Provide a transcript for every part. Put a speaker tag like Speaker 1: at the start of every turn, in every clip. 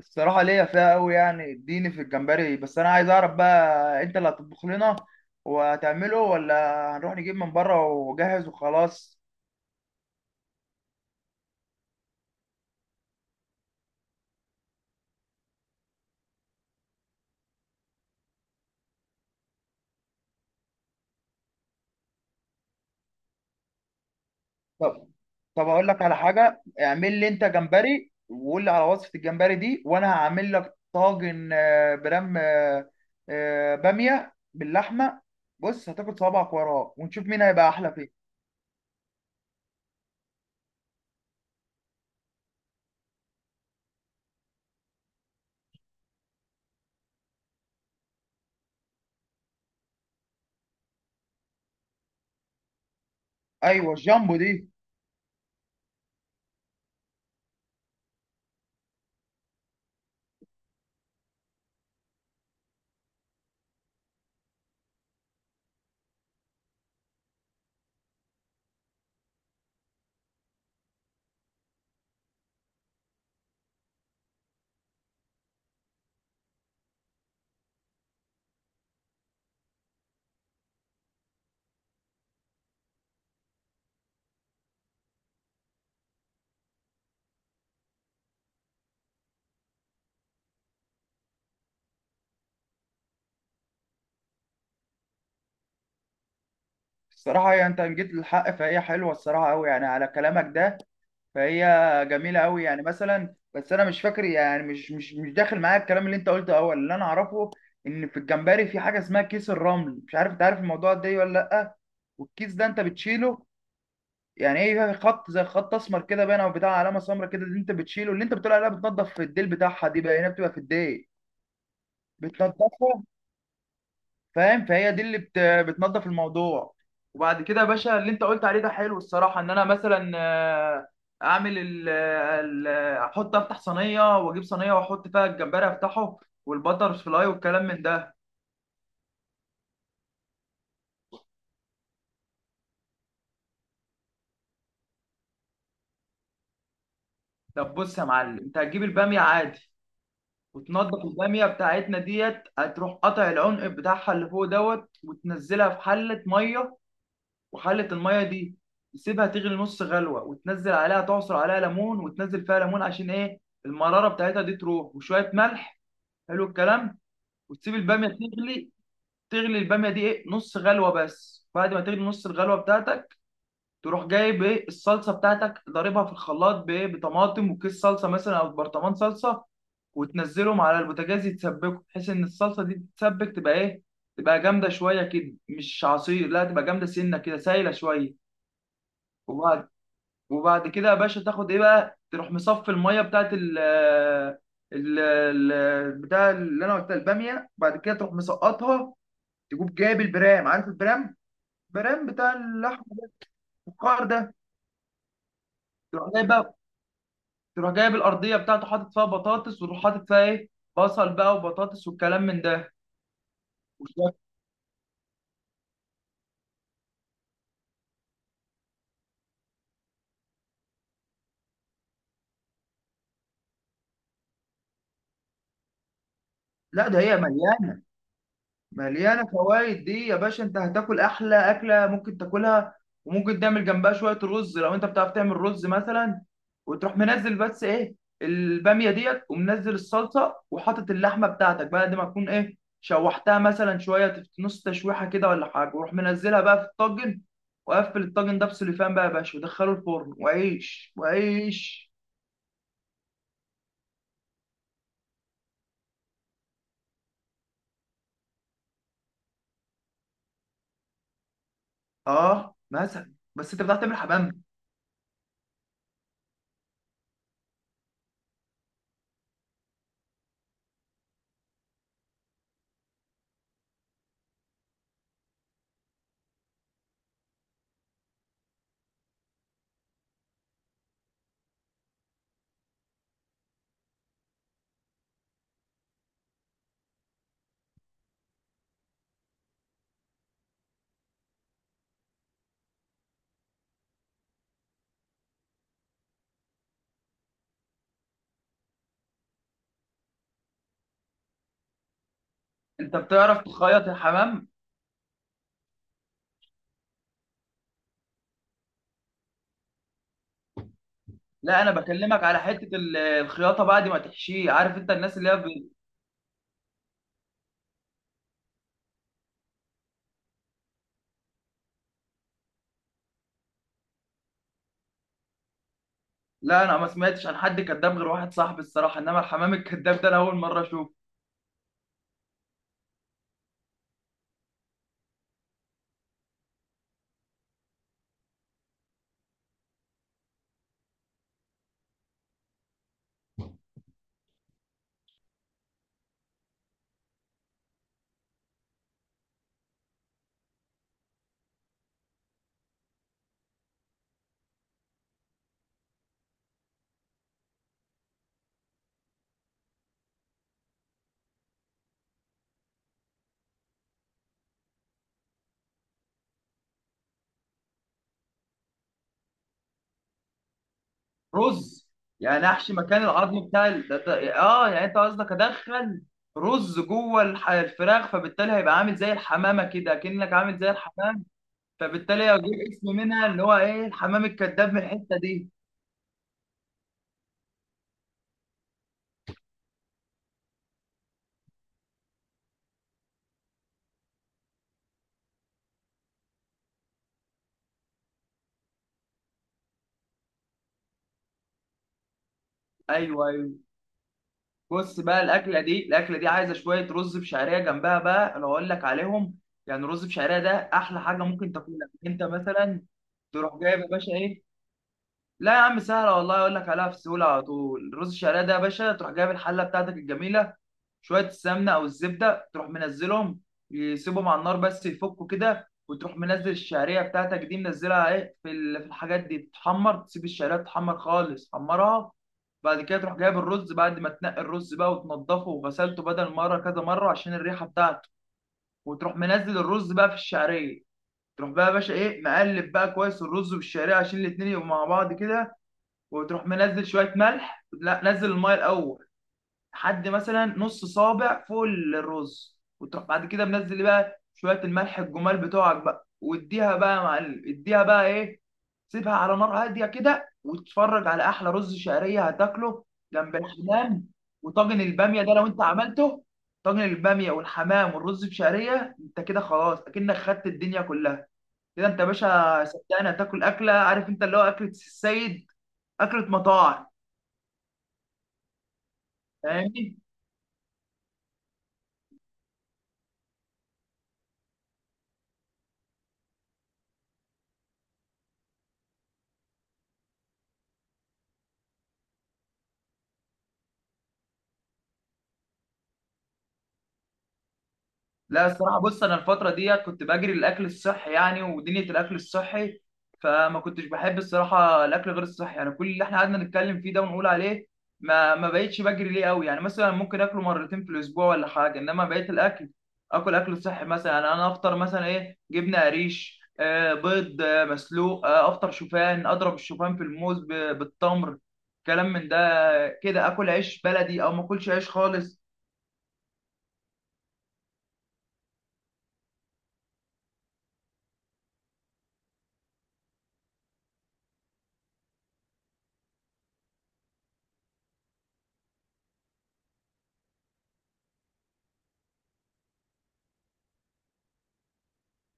Speaker 1: الصراحة ليا فيها قوي، يعني اديني في الجمبري. بس انا عايز اعرف بقى، انت اللي هتطبخ لنا وهتعمله، ولا هنروح نجيب من بره وجاهز وخلاص؟ طب طب اقول لك على حاجة. اعمل لي انت جمبري، وقول لي على وصفة الجمبري دي، وانا هعمل لك طاجن برام بامية باللحمة. بص، هتاكل صوابعك وراه، ونشوف مين هيبقى احلى فيه. ايوه، الجامبو دي. الصراحة هي، انت جيت للحق، فهي حلوة الصراحة قوي يعني، على كلامك ده. فهي جميله قوي يعني، مثلا. بس انا مش فاكر يعني، مش داخل معايا الكلام اللي انت قلته اول. اللي انا اعرفه ان في الجمبري في حاجه اسمها كيس الرمل. مش عارف انت عارف الموضوع ده إيه ولا لا. والكيس ده انت بتشيله؟ يعني ايه، خط زي خط اسمر كده باين او بتاع علامه سمراء كده، اللي انت بتشيله، اللي انت بتقول عليها بتنضف في الديل بتاعها دي بقى، هنا بتبقى في الديل بتنضفها. فاهم. فهي دي اللي بتنظف الموضوع. وبعد كده يا باشا، اللي انت قلت عليه ده حلو الصراحه. ان انا مثلا اعمل احط، افتح صينيه، واجيب صينيه واحط فيها الجمبري افتحه، والبتر فلاي والكلام من ده. طب بص يا معلم، انت هتجيب الباميه عادي وتنضف الباميه بتاعتنا ديت. هتروح قطع العنق بتاعها اللي فوق دوت، وتنزلها في حله ميه. وحله الميه دي تسيبها تغلي نص غلوه، وتنزل عليها، تعصر عليها ليمون وتنزل فيها ليمون، عشان ايه؟ المراره بتاعتها دي تروح، وشويه ملح. حلو الكلام. وتسيب الباميه تغلي. تغلي الباميه دي ايه، نص غلوه بس. بعد ما تغلي نص الغلوه بتاعتك، تروح جايب ايه، الصلصه بتاعتك ضاربها في الخلاط بايه، بطماطم وكيس صلصه مثلا او برطمان صلصه. وتنزلهم على البوتاجاز يتسبكوا، بحيث ان الصلصه دي تتسبك تبقى ايه، تبقى جامده شويه كده، مش عصير. لا، تبقى جامده سنه كده، سايله شويه. وبعد وبعد كده يا باشا، تاخد ايه بقى، تروح مصفي الميه بتاعت بتاع اللي انا قلتها، الباميه. بعد كده تروح مسقطها. تجيب، جايب البرام، عارف البرام؟ البرام بتاع اللحم ده، الفخار ده. تروح جايب بقى، تروح جايب الارضيه بتاعته، حاطط فيها بطاطس، وتروح حاطط فيها ايه، بصل بقى وبطاطس والكلام من ده. وشوية- لا، ده هي مليانه. مليانه فوائد دي يا باشا. انت هتاكل احلى اكله ممكن تاكلها. وممكن تعمل جنبها شويه رز لو انت بتعرف تعمل رز مثلا. وتروح منزل بس ايه، الباميه ديت، ومنزل الصلصه، وحاطط اللحمه بتاعتك بعد ما تكون ايه شوحتها مثلا شويه، نص تشويحه كده ولا حاجه. وروح منزلها بقى في الطاجن، وقفل الطاجن ده بسوليفان بقى يا باشا، ودخله الفرن، وعيش وعيش. اه مثلا، بس انت بتعرف تعمل حمام؟ انت بتعرف تخيط الحمام؟ لا، انا بكلمك على حته الخياطه بعد ما تحشيه. عارف انت الناس اللي هي. لا، انا ما سمعتش عن حد كذاب غير واحد صاحبي الصراحه، انما الحمام الكذاب ده انا اول مره اشوفه. رز، يعني احشي مكان العظم بتاع ال... ده... ده- اه يعني انت قصدك ادخل رز جوه الفراخ، فبالتالي هيبقى عامل زي الحمامه كده، كأنك عامل زي الحمام. فبالتالي هجيب اسم منها اللي هو ايه، الحمام الكذاب، من الحته دي. ايوه، ايوه. بص بقى، الاكله دي عايزه شويه رز بشعريه جنبها بقى. انا اقول لك عليهم. يعني رز بشعريه ده احلى حاجه ممكن تاكلها انت مثلا. تروح جايب يا باشا ايه، لا يا عم سهله والله، اقول لك عليها في سهوله على طول. الرز الشعريه ده يا باشا، تروح جايب الحله بتاعتك الجميله، شويه السمنه او الزبده، تروح منزلهم. يسيبهم على النار بس يفكوا كده، وتروح منزل الشعريه بتاعتك دي، منزلها ايه في الحاجات دي تتحمر، تسيب الشعريه تتحمر خالص، حمرها. بعد كده تروح جايب الرز بعد ما تنقي الرز بقى وتنضفه وغسلته بدل مره كذا مره عشان الريحه بتاعته. وتروح منزل الرز بقى في الشعريه. تروح بقى يا باشا ايه، مقلب بقى كويس الرز والشعريه عشان الاتنين يبقوا مع بعض كده. وتروح منزل شويه ملح، لا نزل الميه الاول لحد مثلا نص صابع فوق الرز. وتروح بعد كده منزل بقى شويه الملح الجمال بتوعك بقى، واديها بقى يا معلم، اديها بقى ايه، سيبها على نار هاديه كده وتتفرج على احلى رز شعريه هتاكله جنب الحمام. وطاجن الباميه ده لو انت عملته. طاجن الباميه والحمام والرز بشعريه، انت كده خلاص، اكنك خدت الدنيا كلها. كده انت يا باشا صدقني، هتاكل اكله. عارف انت اللي هو اكله السيد، اكله مطاعم. فاهمني؟ لا الصراحه بص، انا الفتره دي كنت بجري الاكل الصحي يعني، ودنيا الاكل الصحي. فما كنتش بحب الصراحه الاكل غير الصحي يعني، كل اللي احنا قعدنا نتكلم فيه ده ونقول عليه، ما بقتش بجري ليه قوي يعني. مثلا ممكن اكله مرتين في الاسبوع ولا حاجه. انما بقيت الاكل، اكل صحي مثلا. يعني انا افطر مثلا ايه، جبنه قريش، بيض مسلوق، افطر شوفان، اضرب الشوفان في الموز بالتمر، كلام من ده. كده اكل عيش بلدي او ما اكلش عيش خالص.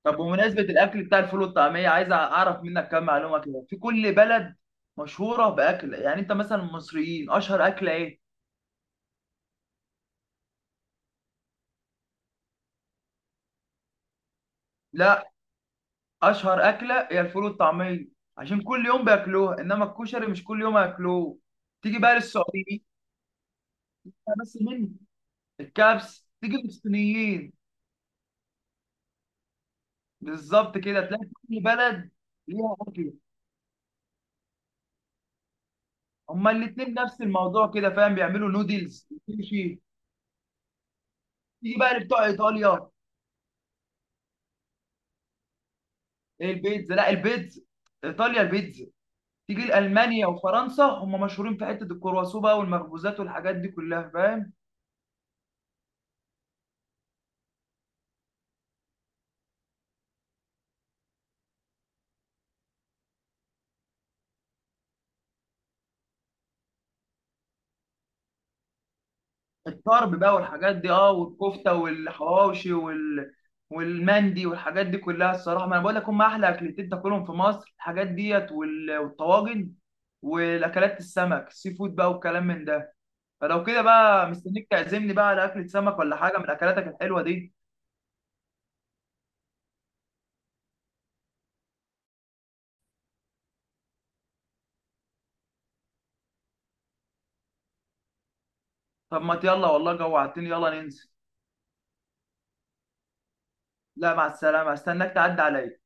Speaker 1: طب بمناسبة الأكل بتاع الفول والطعمية، عايز أعرف منك كام معلومة كده. في كل بلد مشهورة بأكل، يعني أنت مثلا المصريين أشهر أكلة إيه؟ لا، أشهر أكلة هي الفول والطعمية، عشان كل يوم بياكلوها، إنما الكشري مش كل يوم هياكلوه. تيجي بقى للسعوديين، بس مني الكبس. تيجي للصينيين، بالظبط كده تلاقي كل بلد ليها أكل. هما الاتنين نفس الموضوع كده، فاهم، بيعملوا نودلز وكل شيء. تيجي بقى لبتوع إيطاليا، البيتزا. لا، البيتزا ايطاليا، البيتزا. تيجي لالمانيا وفرنسا، هم مشهورين في حته الكرواسون بقى والمخبوزات والحاجات دي كلها، فاهم. الطرب بقى والحاجات دي، والكفته والحواوشي والمندي والحاجات دي كلها الصراحه. ما انا بقول لك، هم احلى اكلتين تاكلهم في مصر، الحاجات ديت والطواجن والاكلات، السمك السي فود بقى والكلام من ده. فلو كده بقى، مستنيك تعزمني بقى على اكله سمك ولا حاجه من اكلاتك الحلوه دي. طب ما يلا والله، جوعتني، يلا ننزل. لا، مع السلامه، استناك تعدي عليا.